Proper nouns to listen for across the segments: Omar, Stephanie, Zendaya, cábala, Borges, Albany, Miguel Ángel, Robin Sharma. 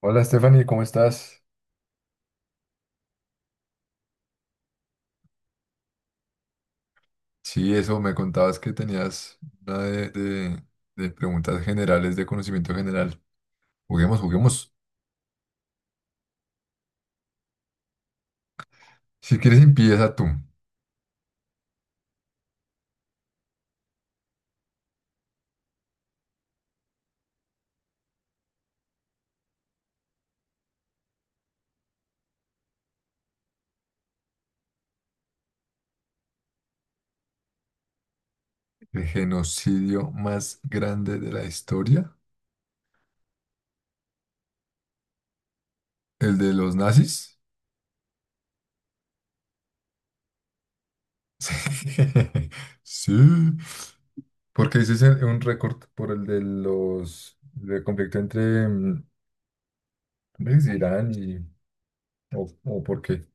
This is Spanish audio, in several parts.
Hola Stephanie, ¿cómo estás? Sí, eso me contabas que tenías una de preguntas generales, de conocimiento general. Juguemos, juguemos. Si quieres, empieza tú. El genocidio más grande de la historia, el de los nazis. Sí, sí. Porque ese es un récord por el de los del conflicto entre ¿cómo es? Irán y o por qué.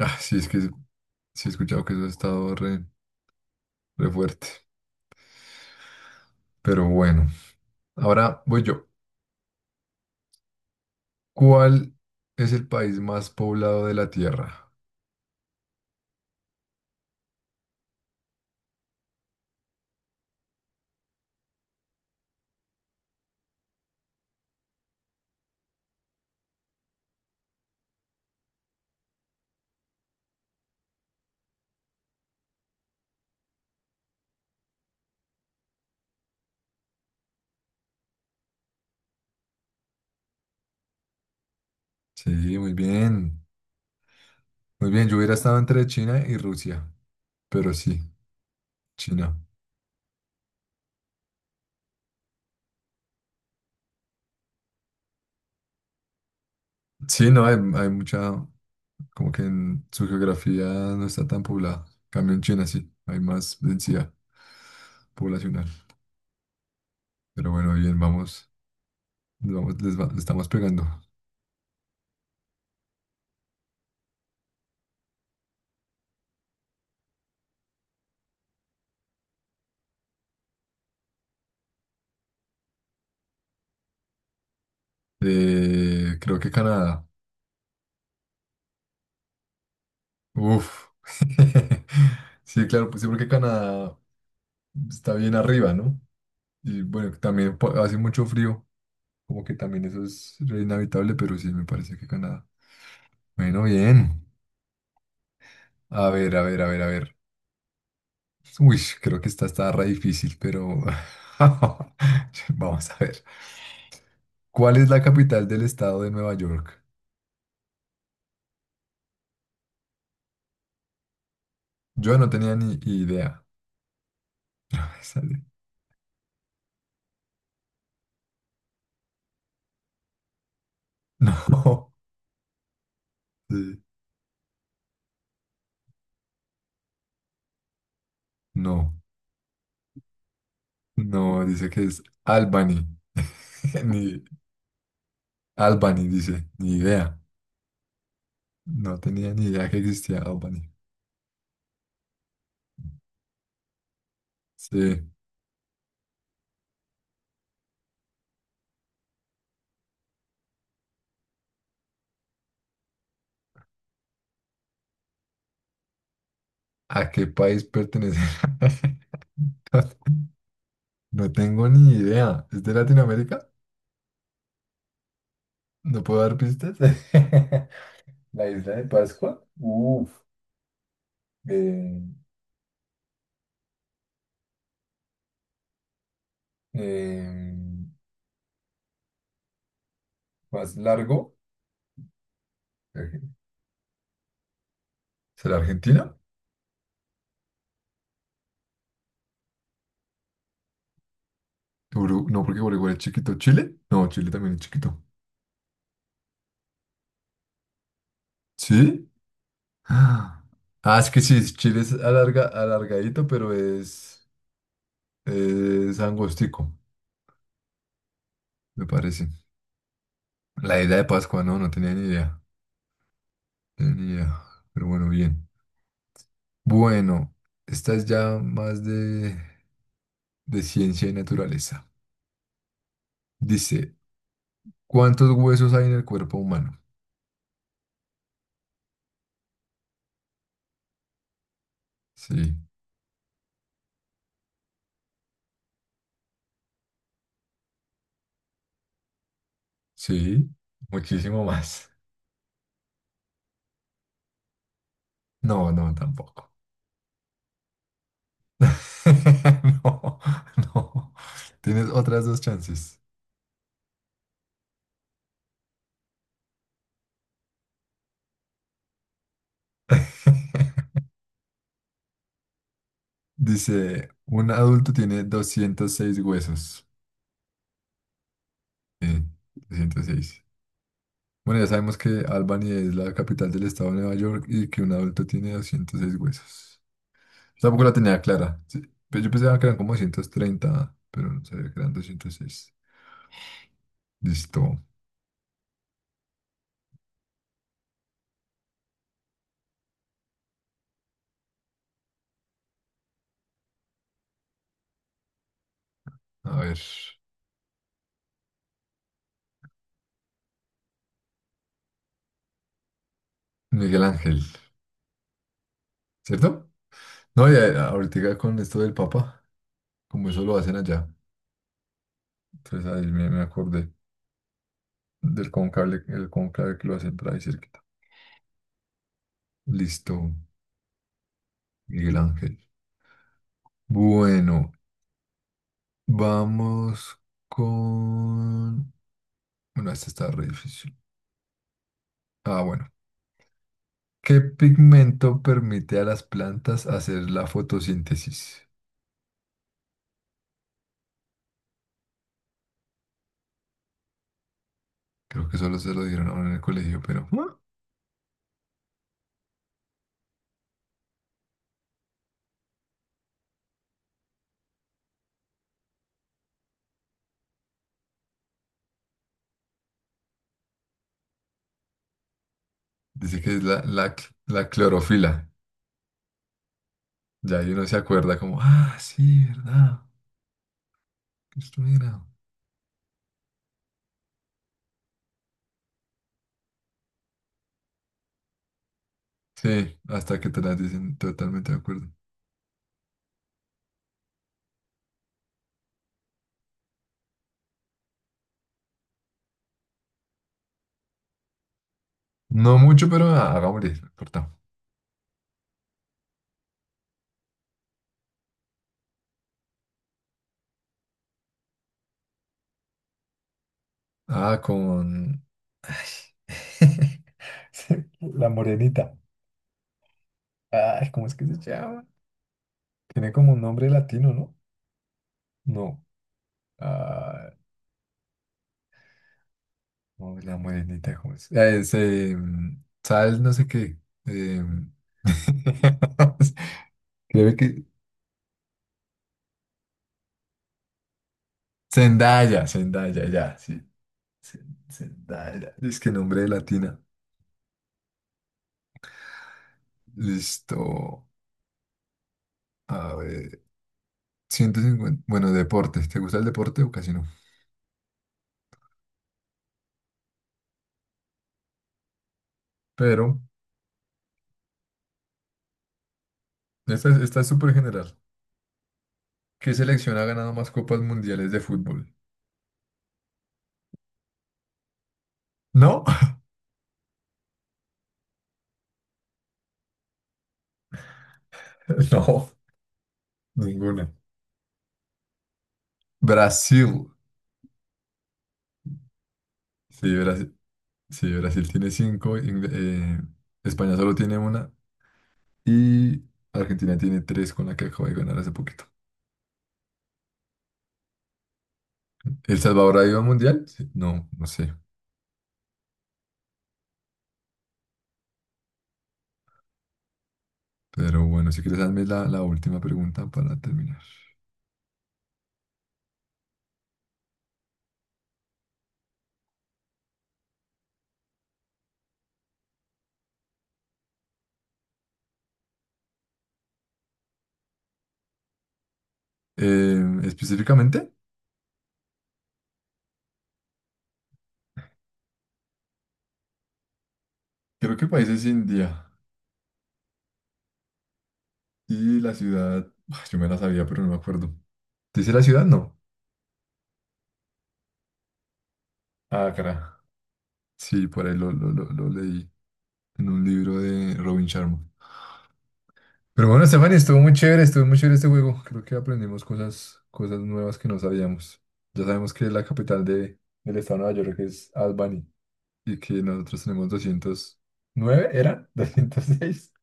Ah, sí, es que sí he escuchado que eso ha estado re fuerte, pero bueno. Ahora voy yo. ¿Cuál es el país más poblado de la Tierra? Sí, muy bien. Muy bien, yo hubiera estado entre China y Rusia, pero sí, China. Sí, no, hay mucha, como que en su geografía no está tan poblada. En cambio en China, sí, hay más densidad poblacional. Pero bueno, bien, vamos, vamos, le estamos pegando. Creo que Canadá. Uf. Sí, claro, pues sí, porque Canadá está bien arriba, ¿no? Y bueno, también hace mucho frío, como que también eso es re inhabitable, pero sí, me parece que Canadá. Bueno, bien. A ver, a ver, a ver, a ver. Uy, creo que esta está re difícil, pero vamos a ver. ¿Cuál es la capital del estado de Nueva York? Yo no tenía ni idea. No, sale. No, sí, no, no, dice que es Albany. Ni Albany, dice, ni idea. No tenía ni idea que existía Albany. Sí. ¿A qué país pertenece? No, no tengo ni idea. ¿Es de Latinoamérica? ¿No puedo dar pistas? La isla de Pascua. Uf. Eh, eh, más largo. Eh, ¿Será Argentina? No, porque Uruguay es chiquito. ¿Chile? No, Chile también es chiquito. ¿Sí? Ah. Ah, es que sí, Chile es alarga, alargadito, pero es angostico, me parece. La isla de Pascua, no, no tenía ni idea. Ya, pero bueno, bien. Bueno, esta es ya más de ciencia y naturaleza. Dice, ¿cuántos huesos hay en el cuerpo humano? Sí, sí, muchísimo más. No, no, tampoco. No, no. Tienes otras dos chances. Dice, un adulto tiene 206 huesos. Sí, 206. Bueno, ya sabemos que Albany es la capital del estado de Nueva York y que un adulto tiene 206 huesos. Tampoco la tenía clara. Sí. Pero yo pensaba que eran como 230, pero no sabía que eran 206. Listo. A ver. Miguel Ángel, ¿cierto? No, y ahorita con esto del Papa, como eso lo hacen allá. Entonces ahí me acordé del conclave, el conclave que lo hacen por ahí cerquita. Listo, Miguel Ángel. Bueno, vamos con... Bueno, este está re difícil. Ah, bueno. ¿Qué pigmento permite a las plantas hacer la fotosíntesis? Creo que solo se lo dieron a uno en el colegio, pero ¿ah? Dice que es la clorofila. Ya ahí uno se acuerda como, ah, sí, ¿verdad? Esto era. Sí, hasta que te las dicen, totalmente de acuerdo. No mucho, pero ah, hagámosle, no importa. Ah, con... Sí, la morenita. Ay, ¿cómo es que se llama? Tiene como un nombre latino, ¿no? No. Uy, la morenita, ¿cómo es? Ah, es, Sal, no sé qué. eh, creo que. Zendaya, Zendaya, ya, sí. Zendaya. Es que nombre de latina. Listo. A ver. Ciento cincuenta. Bueno, deportes. ¿Te gusta el deporte o casi no? Pero, esta es súper general. ¿Qué selección ha ganado más copas mundiales de fútbol? ¿No? No, ninguna. Brasil. Sí, Brasil. Sí, Brasil tiene cinco, España solo tiene una y Argentina tiene tres con la que acabo de ganar hace poquito. ¿El Salvador ha ido al mundial? Sí, no, no sé. Pero bueno, si quieres, hazme la última pregunta para terminar. Específicamente, creo que el país es India y la ciudad, ah, yo me la sabía, pero no me acuerdo. ¿Dice la ciudad? No. Ah, cara. Sí, por ahí lo leí en un libro de Robin Sharma. Pero bueno, Stephanie, estuvo muy chévere este juego. Creo que aprendimos cosas nuevas que no sabíamos. Ya sabemos que la capital del estado de Nueva York es Albany y que nosotros tenemos doscientos nueve ¿era? Doscientos seis.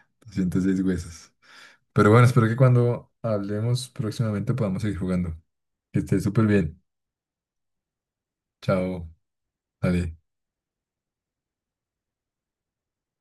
Doscientos seis huesos. Pero bueno, espero que cuando hablemos próximamente podamos seguir jugando. Que estés súper bien. Chao. Dale.